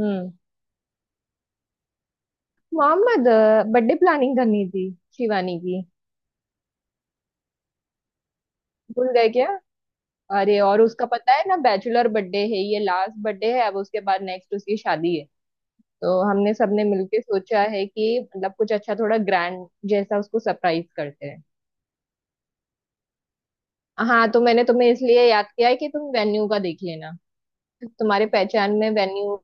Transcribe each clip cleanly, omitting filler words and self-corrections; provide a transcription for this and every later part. हम्म Mohammed, birthday planning करनी थी शिवानी की। भूल गए क्या? अरे, और उसका पता है ना, बैचलर बर्थडे है, ये लास्ट बर्थडे है। अब उसके बाद नेक्स्ट उसकी शादी है, तो हमने सबने मिलके सोचा है कि मतलब कुछ अच्छा थोड़ा ग्रैंड जैसा उसको सरप्राइज करते हैं। हाँ, तो मैंने तुम्हें इसलिए याद किया है कि तुम वेन्यू का देख लेना। तुम्हारे पहचान में वेन्यू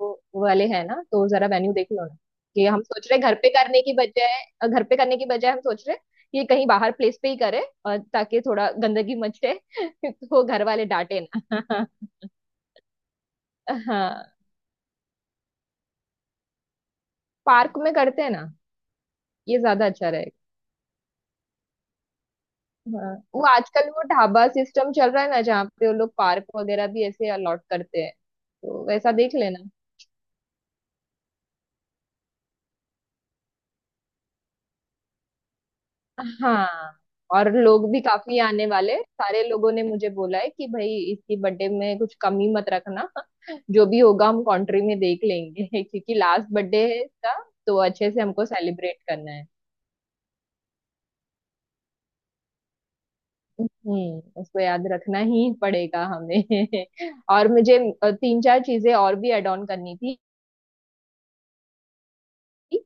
वो वाले हैं ना, तो जरा वेन्यू देख लो ना। कि हम सोच रहे घर पे करने की बजाय हम सोच रहे कि कहीं बाहर प्लेस पे ही करें, और ताकि थोड़ा गंदगी मचे तो घर वाले डांटे ना। हाँ, पार्क में करते हैं ना, ये ज्यादा अच्छा रहेगा। हाँ, वो आजकल वो ढाबा सिस्टम चल रहा है ना, जहाँ पे वो लोग पार्क वगैरह भी ऐसे अलॉट करते हैं, तो वैसा देख लेना। हाँ, और लोग भी काफी आने वाले, सारे लोगों ने मुझे बोला है कि भाई इसकी बर्थडे में कुछ कमी मत रखना। जो भी होगा हम कंट्री में देख लेंगे क्योंकि लास्ट बर्थडे है इसका। तो अच्छे से हमको सेलिब्रेट करना है। उसको याद रखना ही पड़ेगा हमें। और मुझे तीन चार चीजें और भी ऐड ऑन करनी थी।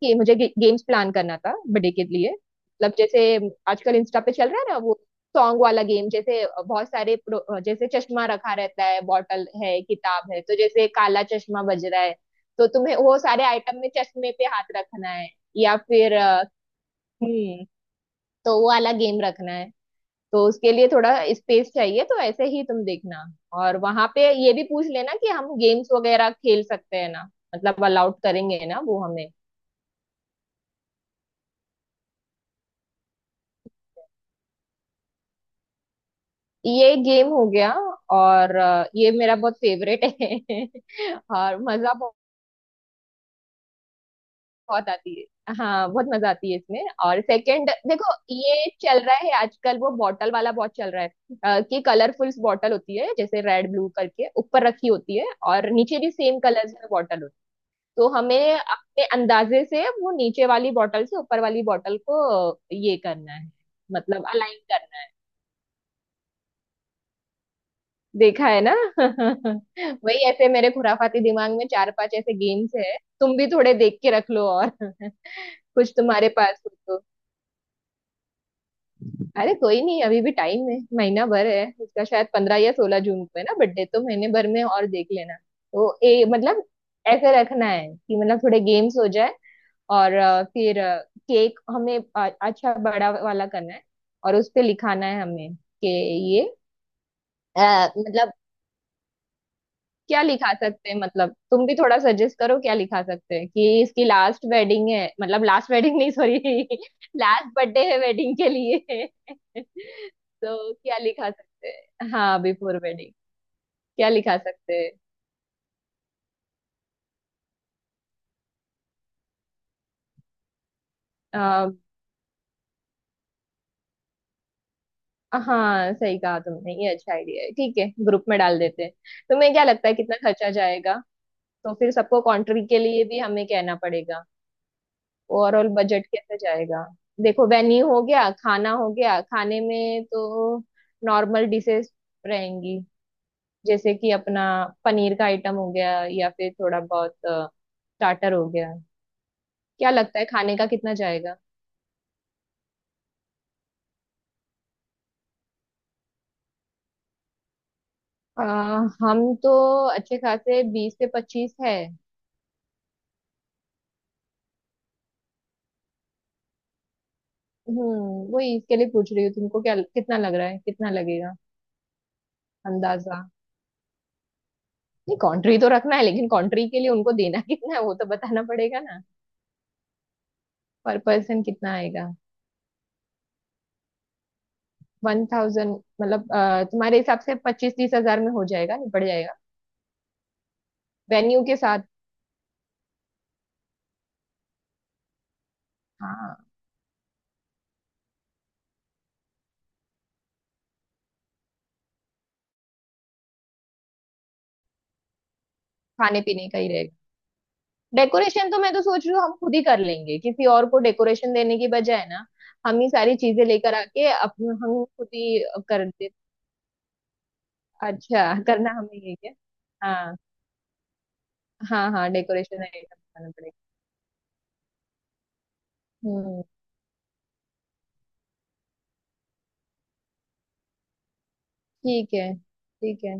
ये मुझे गेम्स प्लान करना था बर्थडे के लिए, मतलब जैसे आजकल इंस्टा पे चल रहा है ना वो सॉन्ग वाला गेम, जैसे बहुत सारे जैसे चश्मा रखा रहता है, बॉटल है, किताब है, तो जैसे काला चश्मा बज रहा है, तो तुम्हें वो सारे आइटम में चश्मे पे हाथ रखना है। या फिर हम्म तो वो वाला गेम रखना है। तो उसके लिए थोड़ा स्पेस चाहिए, तो ऐसे ही तुम देखना। और वहां पे ये भी पूछ लेना कि हम गेम्स वगैरह खेल सकते हैं ना, मतलब अलाउड करेंगे ना वो हमें। ये गेम हो गया। और ये मेरा बहुत फेवरेट है और मजा बहुत बहुत आती है, हाँ, बहुत मजा आती है इसमें। और सेकंड देखो, ये चल रहा है आजकल वो बॉटल वाला, बहुत चल रहा है। कि कलरफुल बॉटल होती है, जैसे रेड ब्लू करके ऊपर रखी होती है, और नीचे भी सेम कलर्स में बॉटल होती है। तो हमें अपने अंदाजे से वो नीचे वाली बॉटल से ऊपर वाली बॉटल को ये करना है, मतलब अलाइन करना है। देखा है ना? वही ऐसे मेरे खुराफाती दिमाग में चार पांच ऐसे गेम्स है, तुम भी थोड़े देख के रख लो और कुछ तुम्हारे पास हो तो। अरे कोई नहीं, अभी भी टाइम है, महीना भर है उसका, शायद 15 या 16 जून को है ना बर्थडे, तो महीने भर में और देख लेना, तो ए मतलब ऐसे रखना है कि मतलब थोड़े गेम्स हो जाए। और फिर केक हमें अच्छा बड़ा वाला करना है, और उस पे लिखाना है हमें कि ये मतलब क्या लिखा सकते हैं, मतलब तुम भी थोड़ा सजेस्ट करो क्या लिखा सकते हैं, कि इसकी लास्ट वेडिंग है, मतलब लास्ट वेडिंग नहीं, सॉरी, लास्ट बर्थडे है वेडिंग के लिए। तो क्या लिखा सकते हैं? हाँ, बिफोर वेडिंग क्या लिखा सकते हैं? अ, हाँ सही कहा तुमने, ये अच्छा आइडिया है, ठीक है, ग्रुप में डाल देते हैं। तुम्हें क्या लगता है कितना खर्चा जाएगा? तो फिर सबको कंट्री के लिए भी हमें कहना पड़ेगा। ओवरऑल बजट कैसे जाएगा? देखो, वेन्यू हो गया, खाना हो गया, खाने में तो नॉर्मल डिशेस रहेंगी, जैसे कि अपना पनीर का आइटम हो गया, या फिर थोड़ा बहुत स्टार्टर हो गया। क्या लगता है खाने का कितना जाएगा? अ, हम तो अच्छे खासे 20 से 25 है। वही इसके लिए पूछ रही हूँ तुमको, क्या कितना लग रहा है, कितना लगेगा, अंदाजा? नहीं, कंट्री तो रखना है, लेकिन कंट्री के लिए उनको देना कितना है वो तो बताना पड़ेगा ना। पर पर्सन कितना आएगा? 1000? मतलब तुम्हारे हिसाब से 25-30 हजार में हो जाएगा, निपट जाएगा, वेन्यू के साथ? हाँ, खाने पीने का ही रहेगा। डेकोरेशन तो मैं तो सोच रही हूँ हम खुद ही कर लेंगे, किसी और को डेकोरेशन देने की बजाय ना। हम ही सारी चीजें लेकर आके अपन हम खुद ही कर दे। अच्छा, करना हमें, ये क्या? हाँ हाँ हाँ, डेकोरेशन आइटम बनाना पड़ेगा। हम्म, ठीक है, ठीक है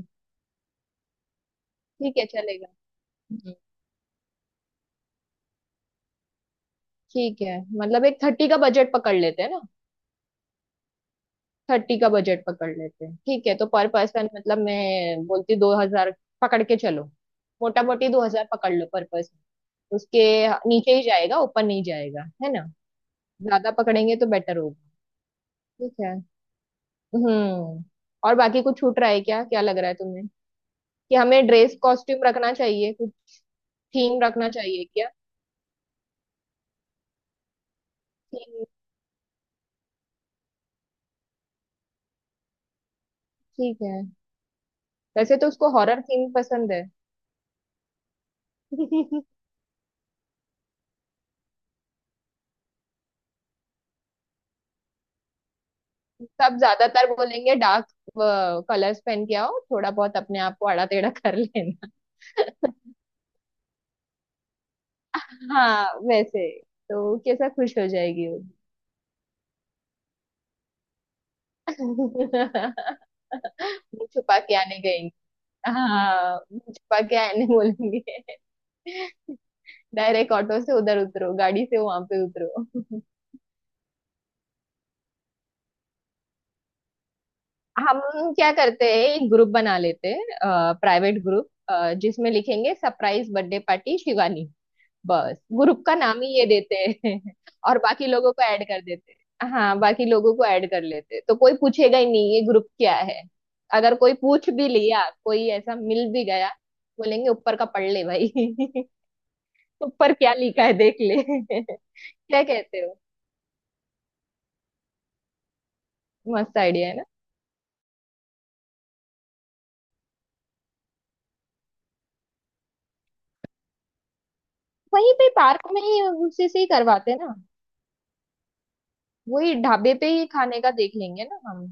ठीक है, चलेगा। हम्म, ठीक है, मतलब एक 30 का बजट पकड़ लेते हैं ना। 30 का बजट पकड़ लेते हैं, ठीक है। तो पर पर्सन मतलब मैं बोलती 2000 पकड़ के चलो, मोटा मोटी 2000 पकड़ लो पर पर्सन। उसके नीचे ही जाएगा, ऊपर नहीं जाएगा, है ना? ज्यादा पकड़ेंगे तो बेटर होगा। ठीक है। हम्म और बाकी कुछ छूट रहा है क्या, क्या लग रहा है तुम्हें? कि हमें ड्रेस कॉस्ट्यूम रखना चाहिए कुछ, थीम रखना चाहिए क्या? थीम ठीक है। वैसे तो उसको हॉरर थीम पसंद है। सब ज्यादातर बोलेंगे डार्क कलर्स पहन के आओ, थोड़ा बहुत अपने आप को आड़ा टेढ़ा कर लेना। हाँ वैसे, तो कैसा खुश हो जाएगी वो। मुंह छुपा के आने गएंगे। हाँ, मुंह छुपा के आने बोलेंगे। डायरेक्ट ऑटो से उधर उतरो, गाड़ी से वहां पे उतरो। हम क्या करते हैं, एक ग्रुप बना लेते हैं, प्राइवेट ग्रुप, जिसमें लिखेंगे सरप्राइज बर्थडे पार्टी शिवानी। बस ग्रुप का नाम ही ये देते हैं। और बाकी लोगों को ऐड कर देते हैं। हाँ, बाकी लोगों को ऐड कर लेते हैं, तो कोई पूछेगा ही नहीं ये ग्रुप क्या है। अगर कोई पूछ भी लिया, कोई ऐसा मिल भी गया, बोलेंगे ऊपर का पढ़ ले भाई। ऊपर क्या लिखा है देख ले। क्या कहते हो? मस्त आइडिया है ना। वहीं पे पार्क में ही उसी से ही करवाते हैं ना, वही ढाबे पे ही खाने का देख लेंगे ना हम।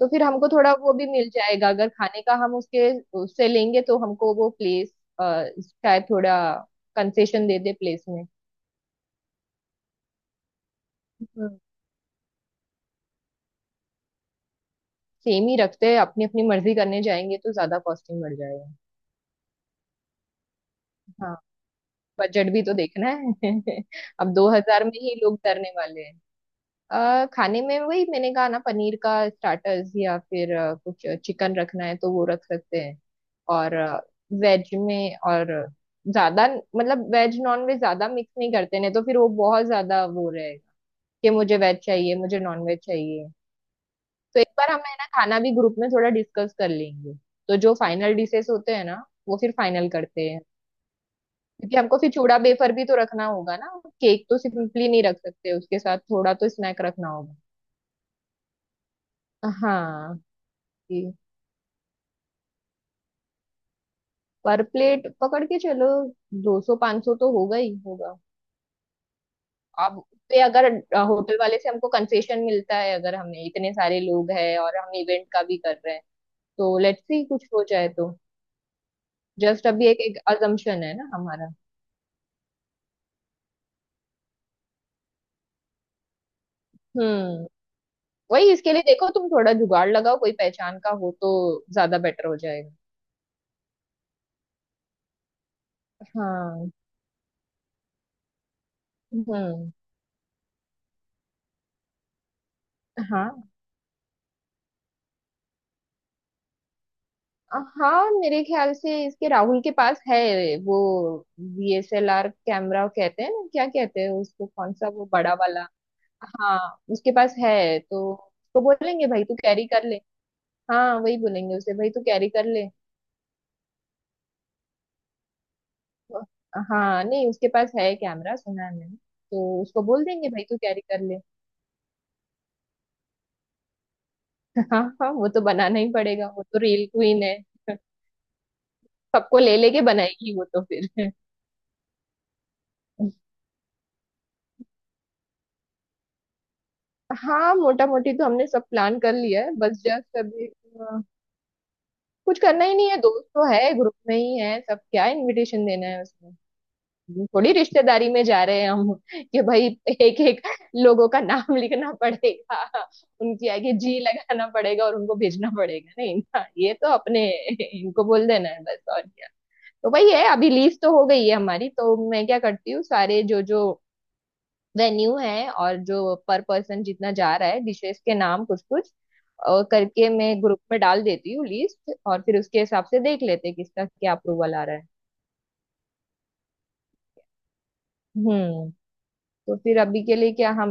तो फिर हमको थोड़ा वो भी मिल जाएगा, अगर खाने का हम उसके उससे लेंगे तो हमको वो प्लेस शायद थोड़ा कंसेशन दे दे प्लेस में। हम्म सेम ही रखते हैं, अपनी अपनी मर्जी करने जाएंगे तो ज्यादा कॉस्टिंग बढ़ जाएगा। हाँ, बजट भी तो देखना है अब 2000 में ही लोग डरने वाले। खाने में वही मैंने कहा ना, पनीर का स्टार्टर्स या फिर कुछ चिकन रखना है तो वो रख सकते हैं। और वेज में और ज्यादा, मतलब वेज नॉन वेज ज्यादा मिक्स नहीं करते, नहीं तो फिर वो बहुत ज्यादा वो रहेगा कि मुझे वेज चाहिए, मुझे नॉन वेज चाहिए। तो एक बार हम है ना, खाना भी ग्रुप में थोड़ा डिस्कस कर लेंगे, तो जो फाइनल डिशेस होते हैं ना वो फिर फाइनल करते हैं। क्योंकि हमको फिर चूड़ा बेफर भी तो रखना होगा ना, केक तो सिंपली नहीं रख सकते, उसके साथ थोड़ा तो स्नैक रखना होगा। हाँ, पर प्लेट पकड़ के चलो, 200-500 तो होगा ही होगा। आप पे अगर होटल वाले से हमको कंसेशन मिलता है, अगर हमें इतने सारे लोग हैं और हम इवेंट का भी कर रहे हैं, तो लेट्स सी, कुछ हो जाए तो। जस्ट अभी एक एक अजम्पशन है ना हमारा। हम्म वही इसके लिए देखो, तुम थोड़ा जुगाड़ लगाओ, कोई पहचान का हो तो ज्यादा बेटर हो जाएगा। हाँ। हम्म। हाँ, हाँ, मेरे ख्याल से इसके राहुल के पास है। वो DSLR कैमरा कहते हैं ना, क्या कहते हैं उसको, कौन सा वो बड़ा वाला। हाँ, उसके पास है, तो उसको बोलेंगे भाई तू कैरी कर ले। हाँ, वही बोलेंगे उसे भाई तू कैरी कर ले। तो- हाँ, नहीं, उसके पास है कैमरा, सुना है मैंने। तो उसको बोल देंगे भाई तू कैरी कर ले। हाँ हाँ, वो तो बनाना ही पड़ेगा, वो तो रील क्वीन है, सबको ले लेके बनाएगी वो तो फिर। हाँ, मोटा मोटी तो हमने सब प्लान कर लिया है, बस जस्ट अभी कुछ करना ही नहीं है, दोस्त तो है, ग्रुप में ही है सब, क्या इनविटेशन देना है उसमें। थोड़ी रिश्तेदारी में जा रहे हैं हम कि भाई एक एक लोगों का नाम लिखना पड़ेगा, उनकी आगे जी लगाना पड़ेगा और उनको भेजना पड़ेगा। नहीं ना, ये तो अपने इनको बोल देना है बस, और क्या। तो भाई है, अभी लीज तो हो गई है हमारी, तो मैं क्या करती हूँ, सारे जो जो वेन्यू है और जो पर पर्सन जितना जा रहा है, डिशेस के नाम कुछ कुछ और करके मैं ग्रुप में डाल देती हूँ लिस्ट, और फिर उसके हिसाब से देख लेते हैं किसका क्या अप्रूवल आ रहा है। हम्म, तो फिर अभी के लिए क्या हम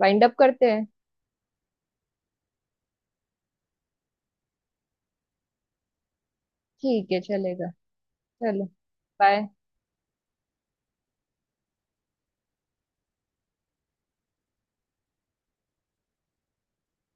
वाइंड अप करते हैं? ठीक है, चलेगा। चलो। बाय।